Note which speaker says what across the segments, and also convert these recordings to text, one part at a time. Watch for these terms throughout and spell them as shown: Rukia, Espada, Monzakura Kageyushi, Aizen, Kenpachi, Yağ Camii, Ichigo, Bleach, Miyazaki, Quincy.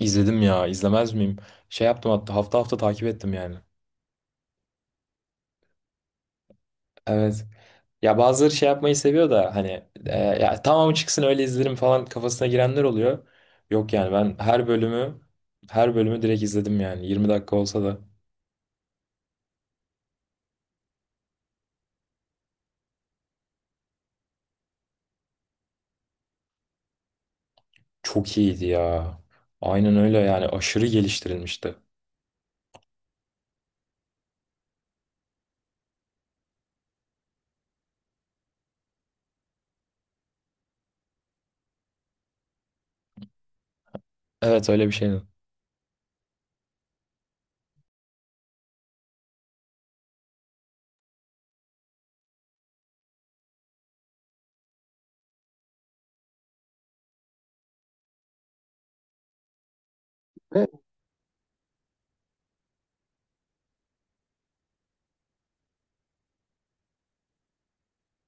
Speaker 1: İzledim ya, izlemez miyim? Şey yaptım, hatta hafta hafta takip ettim yani. Evet. Ya, bazıları şey yapmayı seviyor da hani, ya tamam çıksın öyle izlerim falan, kafasına girenler oluyor. Yok yani, ben her bölümü direkt izledim, yani 20 dakika olsa da çok iyiydi ya. Aynen öyle yani, aşırı geliştirilmişti. Evet, öyle bir şeydi.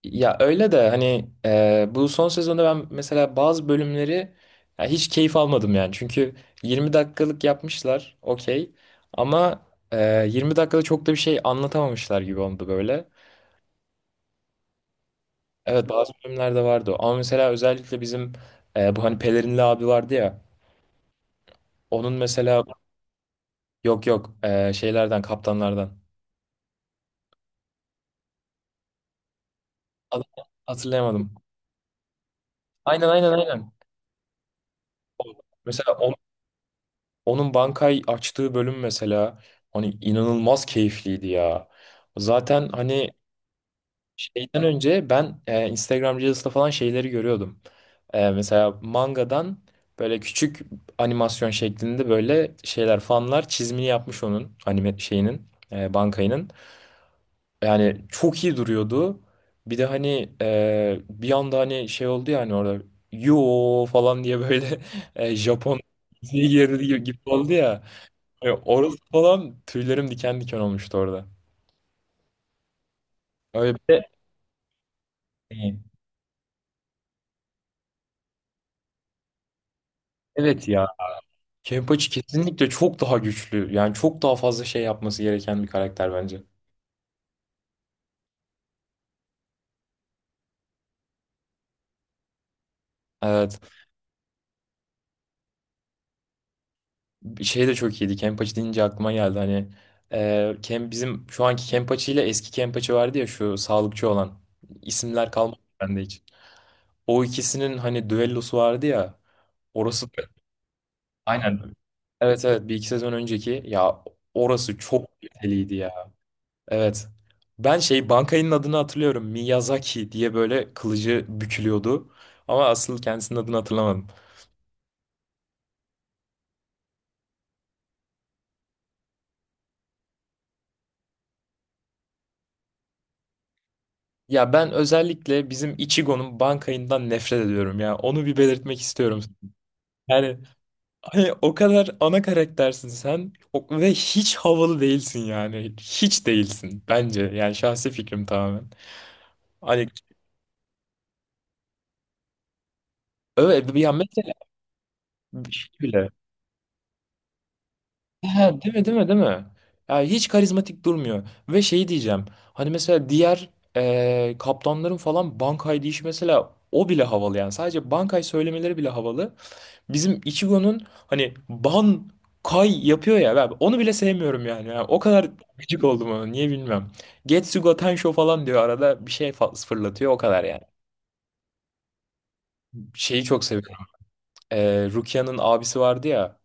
Speaker 1: Ya öyle de hani, bu son sezonda ben mesela bazı bölümleri ya hiç keyif almadım yani. Çünkü 20 dakikalık yapmışlar, okey, ama 20 dakikada çok da bir şey anlatamamışlar gibi oldu böyle. Evet, bazı bölümlerde vardı o. Ama mesela özellikle bizim, bu hani pelerinli abi vardı ya. Onun mesela, yok yok, şeylerden, kaptanlardan. Adını hatırlayamadım. Aynen aynen aynen. Mesela onun bankayı açtığı bölüm mesela hani inanılmaz keyifliydi ya. Zaten hani şeyden önce ben, Instagram Reels'ta falan şeyleri görüyordum. Mesela mangadan böyle küçük animasyon şeklinde böyle şeyler, fanlar çizimini yapmış onun anime şeyinin, bankayının. Yani çok iyi duruyordu. Bir de hani, bir anda hani şey oldu ya, hani orada yo falan diye böyle Japon diziye girdi gibi oldu ya. Orası falan, tüylerim diken diken olmuştu orada. Öyle bir de, evet ya. Kenpachi kesinlikle çok daha güçlü. Yani çok daha fazla şey yapması gereken bir karakter bence. Evet. Şey de çok iyiydi. Kenpachi deyince aklıma geldi. Hani, bizim şu anki Kenpachi ile eski Kenpachi vardı ya, şu sağlıkçı olan. İsimler kalmadı bende hiç. O ikisinin hani düellosu vardı ya. Orası aynen. Evet evet, bir iki sezon önceki ya, orası çok kaliteliydi ya. Evet. Ben şey bankayının adını hatırlıyorum. Miyazaki diye böyle kılıcı bükülüyordu. Ama asıl kendisinin adını hatırlamadım. Ya, ben özellikle bizim Ichigo'nun bankayından nefret ediyorum ya. Onu bir belirtmek istiyorum. Yani hani o kadar ana karaktersin sen ve hiç havalı değilsin yani. Hiç değilsin bence. Yani, şahsi fikrim tamamen. Hani, evet, bir ya, mesela. He, değil mi, değil mi, değil mi? Yani hiç karizmatik durmuyor. Ve şey diyeceğim. Hani mesela diğer, kaptanların falan Bankay deyişi mesela, o bile havalı yani. Sadece Bankay söylemeleri bile havalı. Bizim Ichigo'nun hani Bankay yapıyor ya, ben onu bile sevmiyorum yani. Yani o kadar gıcık oldum ona, niye bilmiyorum. Getsugo Tensho falan diyor, arada bir şey fırlatıyor o kadar yani. Şeyi çok seviyorum. Rukia'nın abisi vardı ya.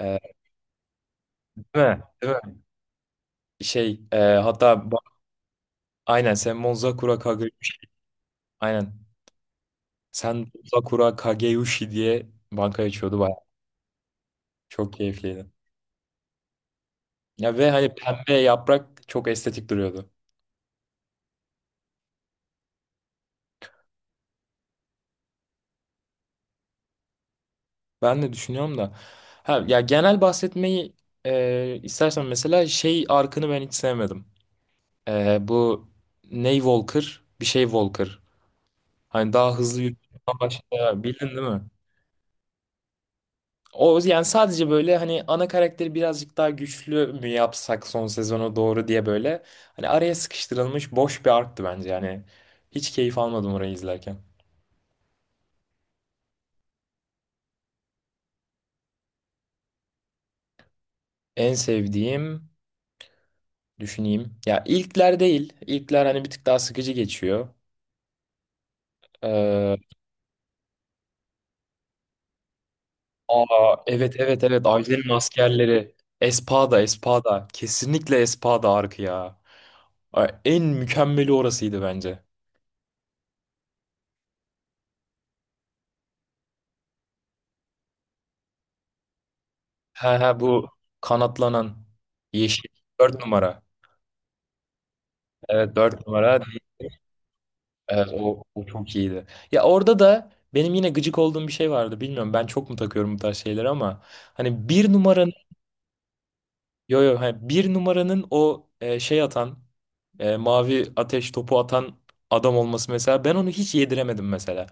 Speaker 1: E, değil mi? Değil mi? Şey, hatta aynen, sen Monzakura Kageyushi. Aynen. Sen Monzakura Kageyushi diye banka açıyordu baya. Çok keyifliydi. Ya ve hani pembe yaprak çok estetik duruyordu. Ben de düşünüyorum da. Ha, ya genel bahsetmeyi, istersen mesela şey arkını ben hiç sevmedim. Bu Ney Walker, bir şey Walker. Hani daha hızlı yürüyüşten başka bildin değil mi? O yani, sadece böyle hani ana karakteri birazcık daha güçlü mü yapsak son sezona doğru diye böyle, hani araya sıkıştırılmış boş bir arktı bence, yani hiç keyif almadım orayı izlerken. En sevdiğim, düşüneyim ya, ilkler değil, ilkler hani bir tık daha sıkıcı geçiyor. Ee, Aa, evet evet evet, Aylin'in askerleri, Espada Espada kesinlikle Espada arkı ya. Ay, en mükemmeli orasıydı bence. He he, bu kanatlanan yeşil 4 numara. Evet, 4 numara. Evet, o çok iyiydi. Ya orada da benim yine gıcık olduğum bir şey vardı. Bilmiyorum, ben çok mu takıyorum bu tarz şeyleri, ama hani bir numaranın yo yo hani bir numaranın o, şey atan, mavi ateş topu atan adam olması mesela, ben onu hiç yediremedim mesela.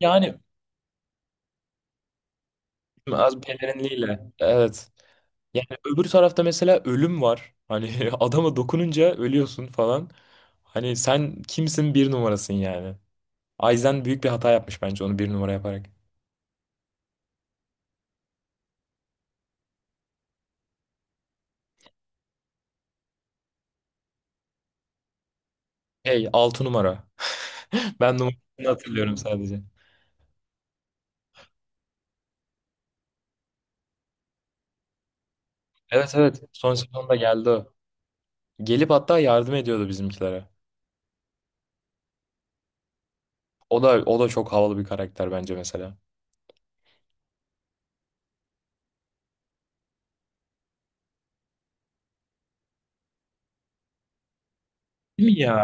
Speaker 1: Yani az pelerinliyle. Evet. Yani öbür tarafta mesela ölüm var. Hani adama dokununca ölüyorsun falan. Hani sen kimsin, bir numarasın yani. Aizen büyük bir hata yapmış bence onu bir numara yaparak. Hey, 6 numara. Ben numarasını hatırlıyorum sadece. Evet evet, son sezonda geldi o. Gelip hatta yardım ediyordu bizimkilere. O da o da çok havalı bir karakter bence mesela. Değil mi ya?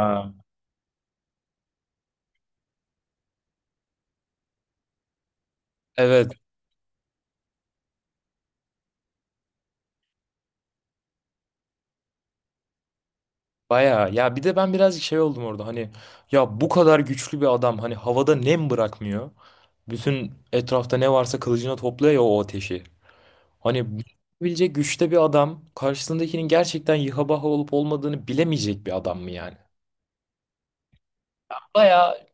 Speaker 1: Evet, bayağı. Ya bir de ben birazcık şey oldum orada hani, ya bu kadar güçlü bir adam hani havada nem bırakmıyor. Bütün etrafta ne varsa kılıcına topluyor ya, o ateşi. Hani bilecek güçte bir adam, karşısındakinin gerçekten yıha baha olup olmadığını bilemeyecek bir adam mı yani? Bayağı.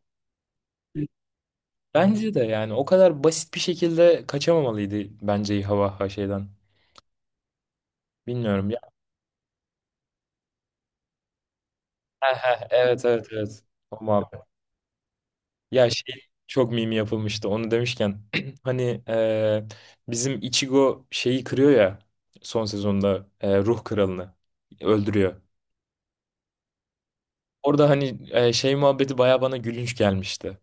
Speaker 1: Bence de yani o kadar basit bir şekilde kaçamamalıydı bence, İHA şeyden. Bilmiyorum ya. Heh heh, evet evet evet. O muhabbet. Ya şey çok mimi yapılmıştı onu demişken. Hani, e, bizim Ichigo şeyi kırıyor ya son sezonda, ruh kralını öldürüyor. Orada hani, şey muhabbeti baya bana gülünç gelmişti.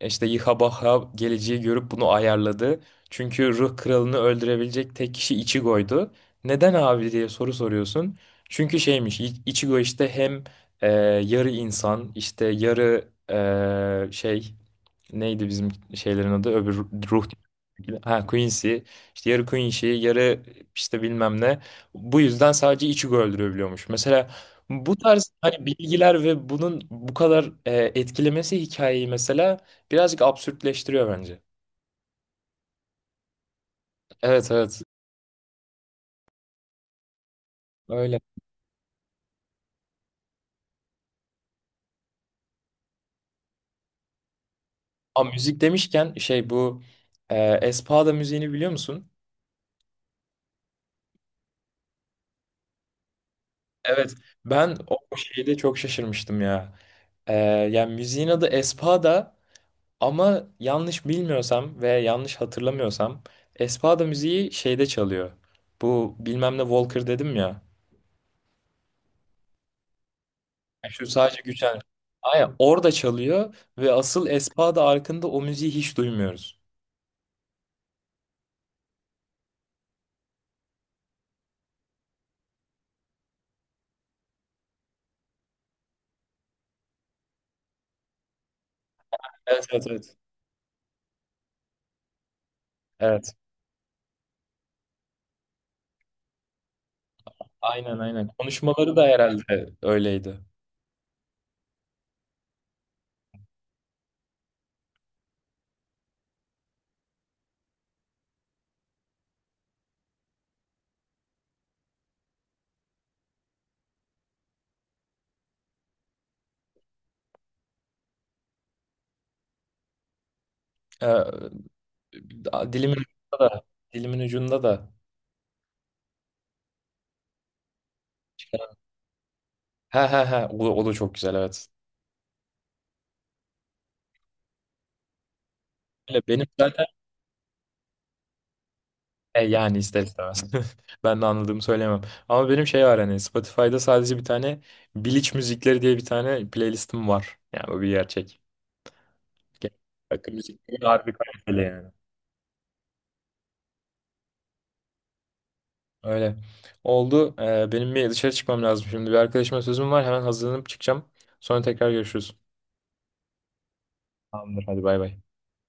Speaker 1: İşte Yihabaha geleceği görüp bunu ayarladı. Çünkü ruh kralını öldürebilecek tek kişi Ichigo'ydu. Neden abi diye soru soruyorsun. Çünkü şeymiş, Ichigo işte hem, e, yarı insan, işte yarı, şey neydi bizim şeylerin adı, öbür ruh, ha Quincy, işte yarı Quincy yarı işte bilmem ne, bu yüzden sadece içi öldürebiliyormuş mesela. Bu tarz hani bilgiler ve bunun bu kadar, etkilemesi hikayeyi mesela, birazcık absürtleştiriyor bence. Evet evet, öyle. Ama müzik demişken şey, bu Espada müziğini biliyor musun? Evet, ben o şeyde çok şaşırmıştım ya. Yani müziğin adı Espada, ama yanlış bilmiyorsam ve yanlış hatırlamıyorsam Espada müziği şeyde çalıyor. Bu bilmem ne Walker dedim ya. Yani, şu sadece güçlen. Aynen, orada çalıyor ve asıl Espada arkında o müziği hiç duymuyoruz. Evet evet evet. Evet. Aynen aynen. Konuşmaları da herhalde öyleydi. Ee, dilimin ucunda da. Dilimin ucunda da. He he he. O da çok güzel, evet. Öyle. Benim zaten. E, yani ister istemez. Ben de anladığımı söyleyemem. Ama benim şey var hani, Spotify'da sadece bir tane, Biliç müzikleri diye bir tane playlistim var. Yani bu bir gerçek. Ge- Akım müzikleri harbi kaliteli yani. Öyle. Oldu. Benim bir dışarı çıkmam lazım şimdi. Bir arkadaşıma sözüm var. Hemen hazırlanıp çıkacağım. Sonra tekrar görüşürüz. Tamamdır. Hadi bay bay.